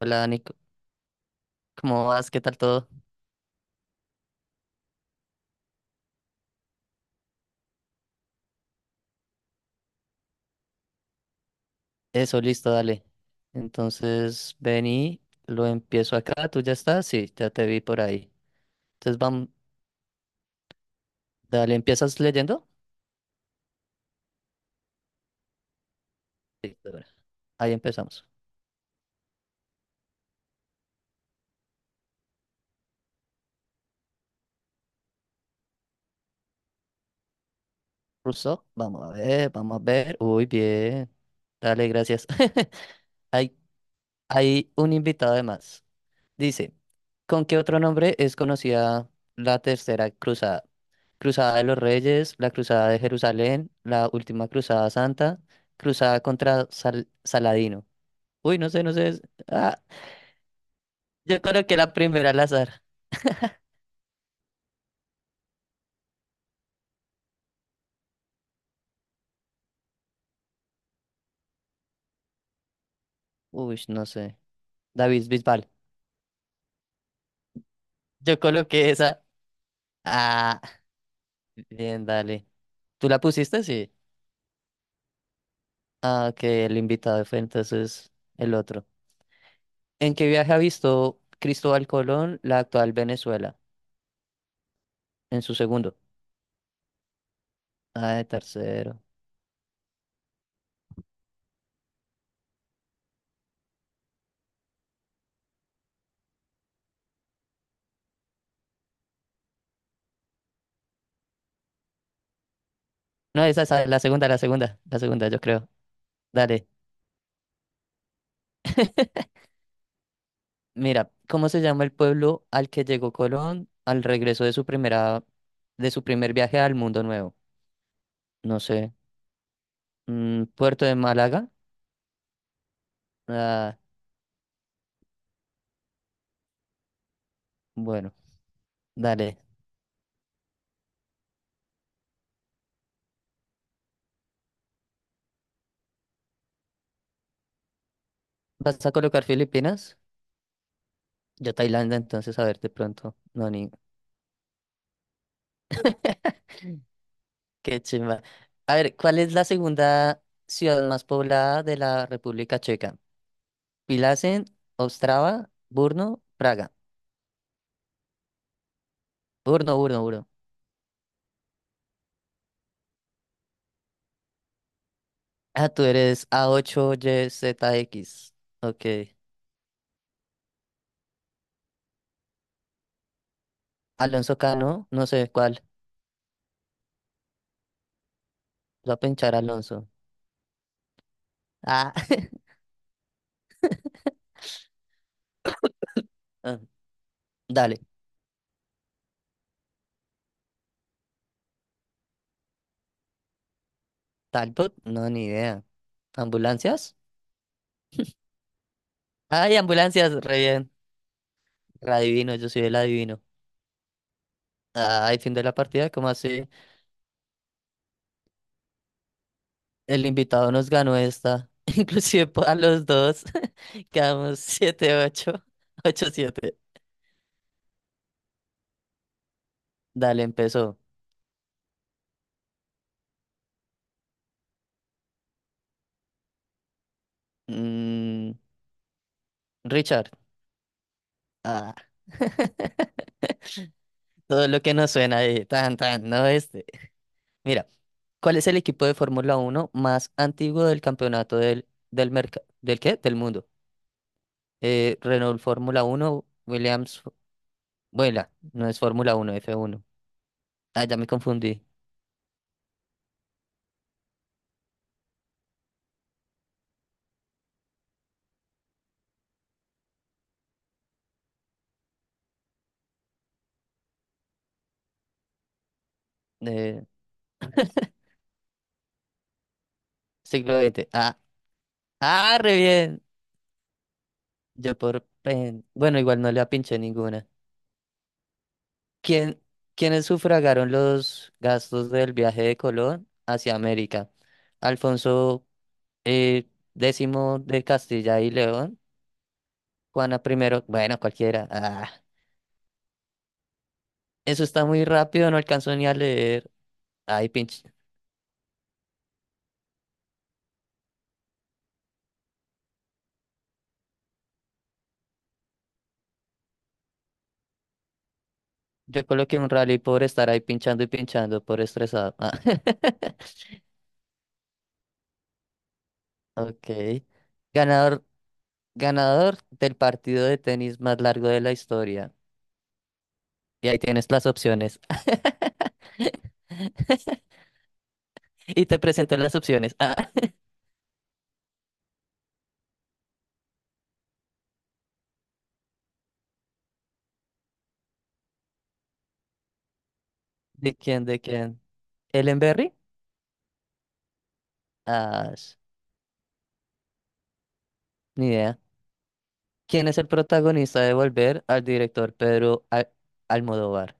Hola Dani, ¿cómo vas? ¿Qué tal todo? Eso, listo, dale. Entonces, ven y lo empiezo acá. ¿Tú ya estás? Sí, ya te vi por ahí. Entonces, vamos, dale, ¿empiezas leyendo? Sí, de una. Ahí empezamos. Russo, vamos a ver, vamos a ver. Uy, bien. Dale, gracias. Hay, hay un invitado de más. Dice, ¿con qué otro nombre es conocida la Tercera Cruzada? Cruzada de los Reyes, la Cruzada de Jerusalén, la Última Cruzada Santa, Cruzada contra Saladino. Uy, no sé, no sé. Ah, yo coloqué la primera al azar. Uy, no sé. David Bisbal. Yo coloqué esa. Ah, bien, dale. ¿Tú la pusiste? Sí. Ah, que el invitado fue entonces el otro. ¿En qué viaje ha visto Cristóbal Colón la actual Venezuela? En su segundo. Ah, el tercero. No, esa es la segunda, la segunda, la segunda, yo creo. Dale. Mira, ¿cómo se llama el pueblo al que llegó Colón al regreso de de su primer viaje al mundo nuevo? No sé. ¿Puerto de Málaga? Ah, bueno, dale. ¿Vas a colocar Filipinas? Yo Tailandia, entonces, a ver, de pronto. No, ni... Qué chimba. A ver, ¿cuál es la segunda ciudad más poblada de la República Checa? Pilasen, Ostrava, Brno, Praga. Brno, Brno, Brno. Ah, tú eres A8YZX. Ok. Alonso Cano, no sé cuál. Voy a pinchar Alonso. Ah, ah, dale. Talbot, no, ni idea. ¿Ambulancias? Ay, ambulancias, re bien. Re adivino, yo soy el adivino. Ay, fin de la partida, ¿cómo así? El invitado nos ganó esta. Inclusive a los dos. Quedamos 7-8, 8-7. Dale, empezó. Mm, Richard. Ah. Todo lo que nos suena ahí. Tan, tan, no este. Mira. ¿Cuál es el equipo de Fórmula Uno más antiguo del campeonato del mercado, del qué? Del mundo. Renault Fórmula Uno Williams, vuela, no es Fórmula Uno F1. Ah, ya me confundí. Eh, siglo XX. Ah, ah, re bien. Yo bueno, igual no le apinché ninguna. ¿Quién, ¿quiénes sufragaron los gastos del viaje de Colón hacia América? Alfonso eh, X de Castilla y León, Juana primero, bueno, cualquiera. Ah, eso está muy rápido, no alcanzo ni a leer. Ay, pinche. Yo coloqué un rally por estar ahí pinchando y pinchando, por estresado. Ah. Ok. Ganador, ganador del partido de tenis más largo de la historia. Y ahí tienes las opciones. Y te presento las opciones. Ah. ¿De quién? ¿De quién? ¿Ellen Berry? Ah, ni idea. ¿Quién es el protagonista de Volver al director Pedro Almodóvar?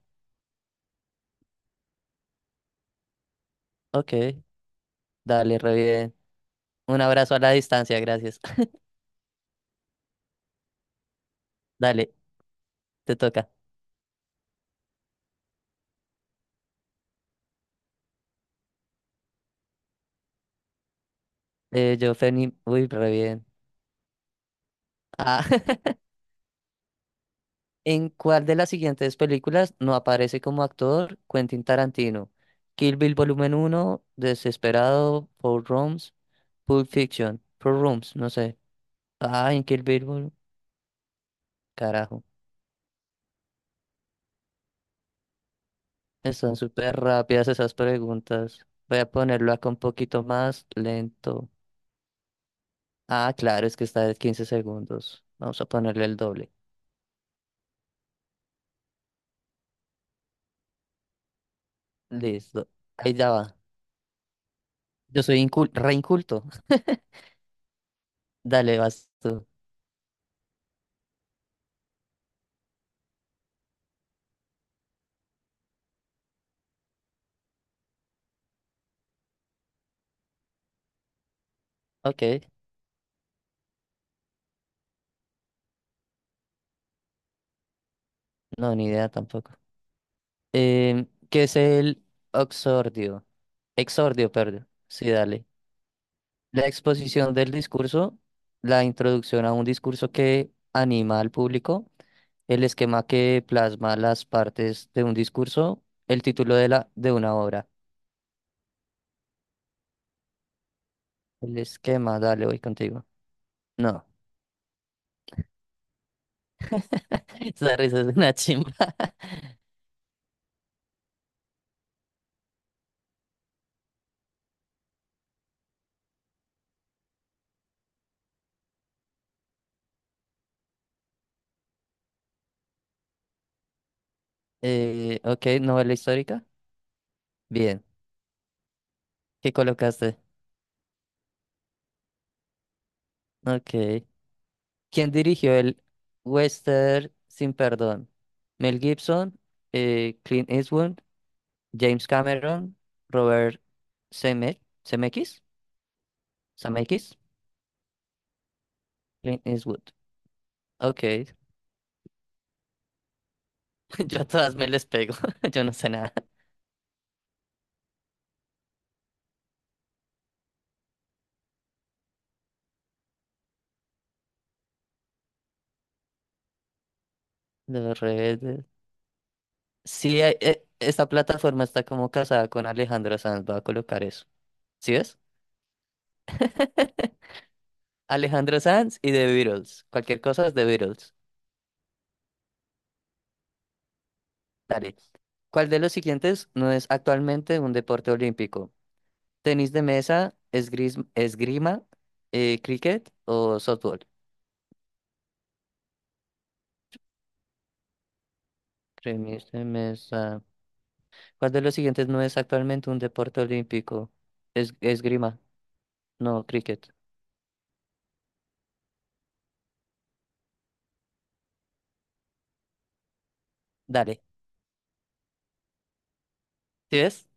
Ok, dale, re bien. Un abrazo a la distancia, gracias. Dale, te toca. Yo, Ferni, uy, re bien. Ah, ¿en cuál de las siguientes películas no aparece como actor Quentin Tarantino? Kill Bill Volumen 1, Desesperado, Four Rooms, Pulp Fiction, Four Rooms, no sé. Ah, en Kill Bill, carajo. Están súper rápidas esas preguntas. Voy a ponerlo acá un poquito más lento. Ah, claro, es que está de 15 segundos. Vamos a ponerle el doble. Listo. Ahí ya va. Yo soy incul re inculto. Dale, vas tú. Ok, no, ni idea tampoco. ¿Qué es el oxordio? Exordio, perdón. Sí, dale. La exposición del discurso, la introducción a un discurso que anima al público, el esquema que plasma las partes de un discurso, el título de una obra. El esquema, dale, voy contigo. No, esa risa es una chimba. Ok, novela histórica. Bien, ¿qué colocaste? Ok. ¿Quién dirigió el Western Sin Perdón? Mel Gibson, Clint Eastwood, James Cameron, Robert Zemeck- Zemeckis, Zemeckis, Clint Eastwood. Ok, yo a todas me les pego, yo no sé nada. Los rebeldes. Sí, esta plataforma está como casada con Alejandro Sanz, voy a colocar eso. ¿Sí ves? Alejandro Sanz y The Beatles. Cualquier cosa es The Beatles. Dale. ¿Cuál de los siguientes no es actualmente un deporte olímpico? Tenis de mesa, esgrima, cricket o softball. Tenis de mesa. ¿Cuál de los siguientes no es actualmente un deporte olímpico? Es, esgrima, no cricket. Dale. ¿Sí ves?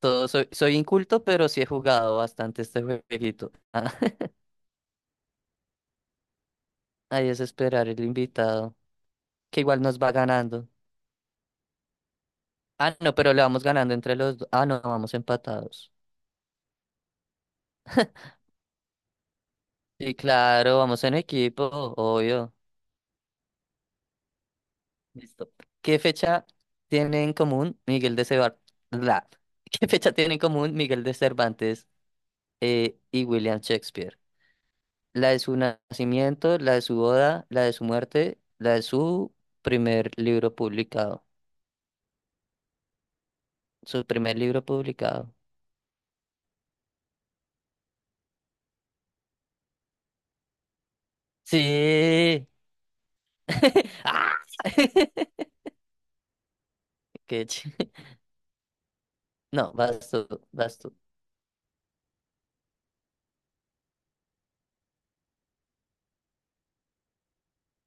Todo, soy inculto, pero sí he jugado bastante este jueguito. Ah, ahí es esperar el invitado, que igual nos va ganando. Ah, no, pero le vamos ganando entre los dos. Ah, no, vamos empatados. Sí, claro, vamos en equipo, obvio. Listo. ¿Qué fecha tiene en común Miguel de Cervantes? ¿Qué fecha tiene en común Miguel de Cervantes y William Shakespeare? La de su nacimiento, la de su boda, la de su muerte, la de su primer libro publicado. Su primer libro publicado. Sí. ¡Ah! Qué No, vas tú, vas tú.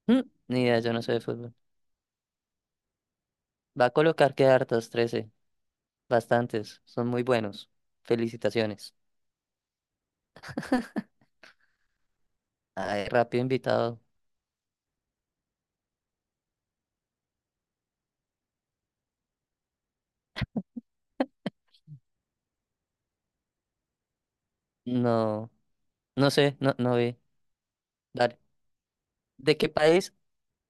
Mm, Ni idea, yo no sé de fútbol. Va a colocar que hartas, 13. Bastantes. Son muy buenos. Felicitaciones. Ay, rápido invitado. No, no sé, no, no vi. Dale. ¿De qué país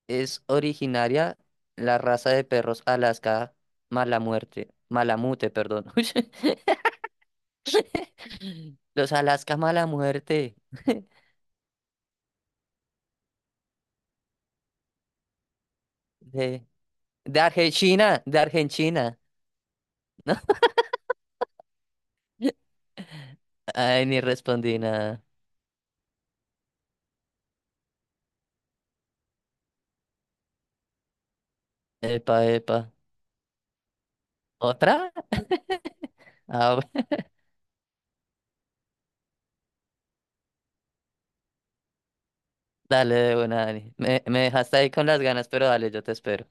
es originaria la raza de perros Alaska Mala Muerte? Malamute, perdón. Ush, Los Alaska Mala Muerte. De, de Argentina, de Argentina. ¿No? Ay, ni respondí nada. Epa, epa. ¿Otra? Ah, dale de una, Dani. Me dejaste ahí con las ganas, pero dale, yo te espero.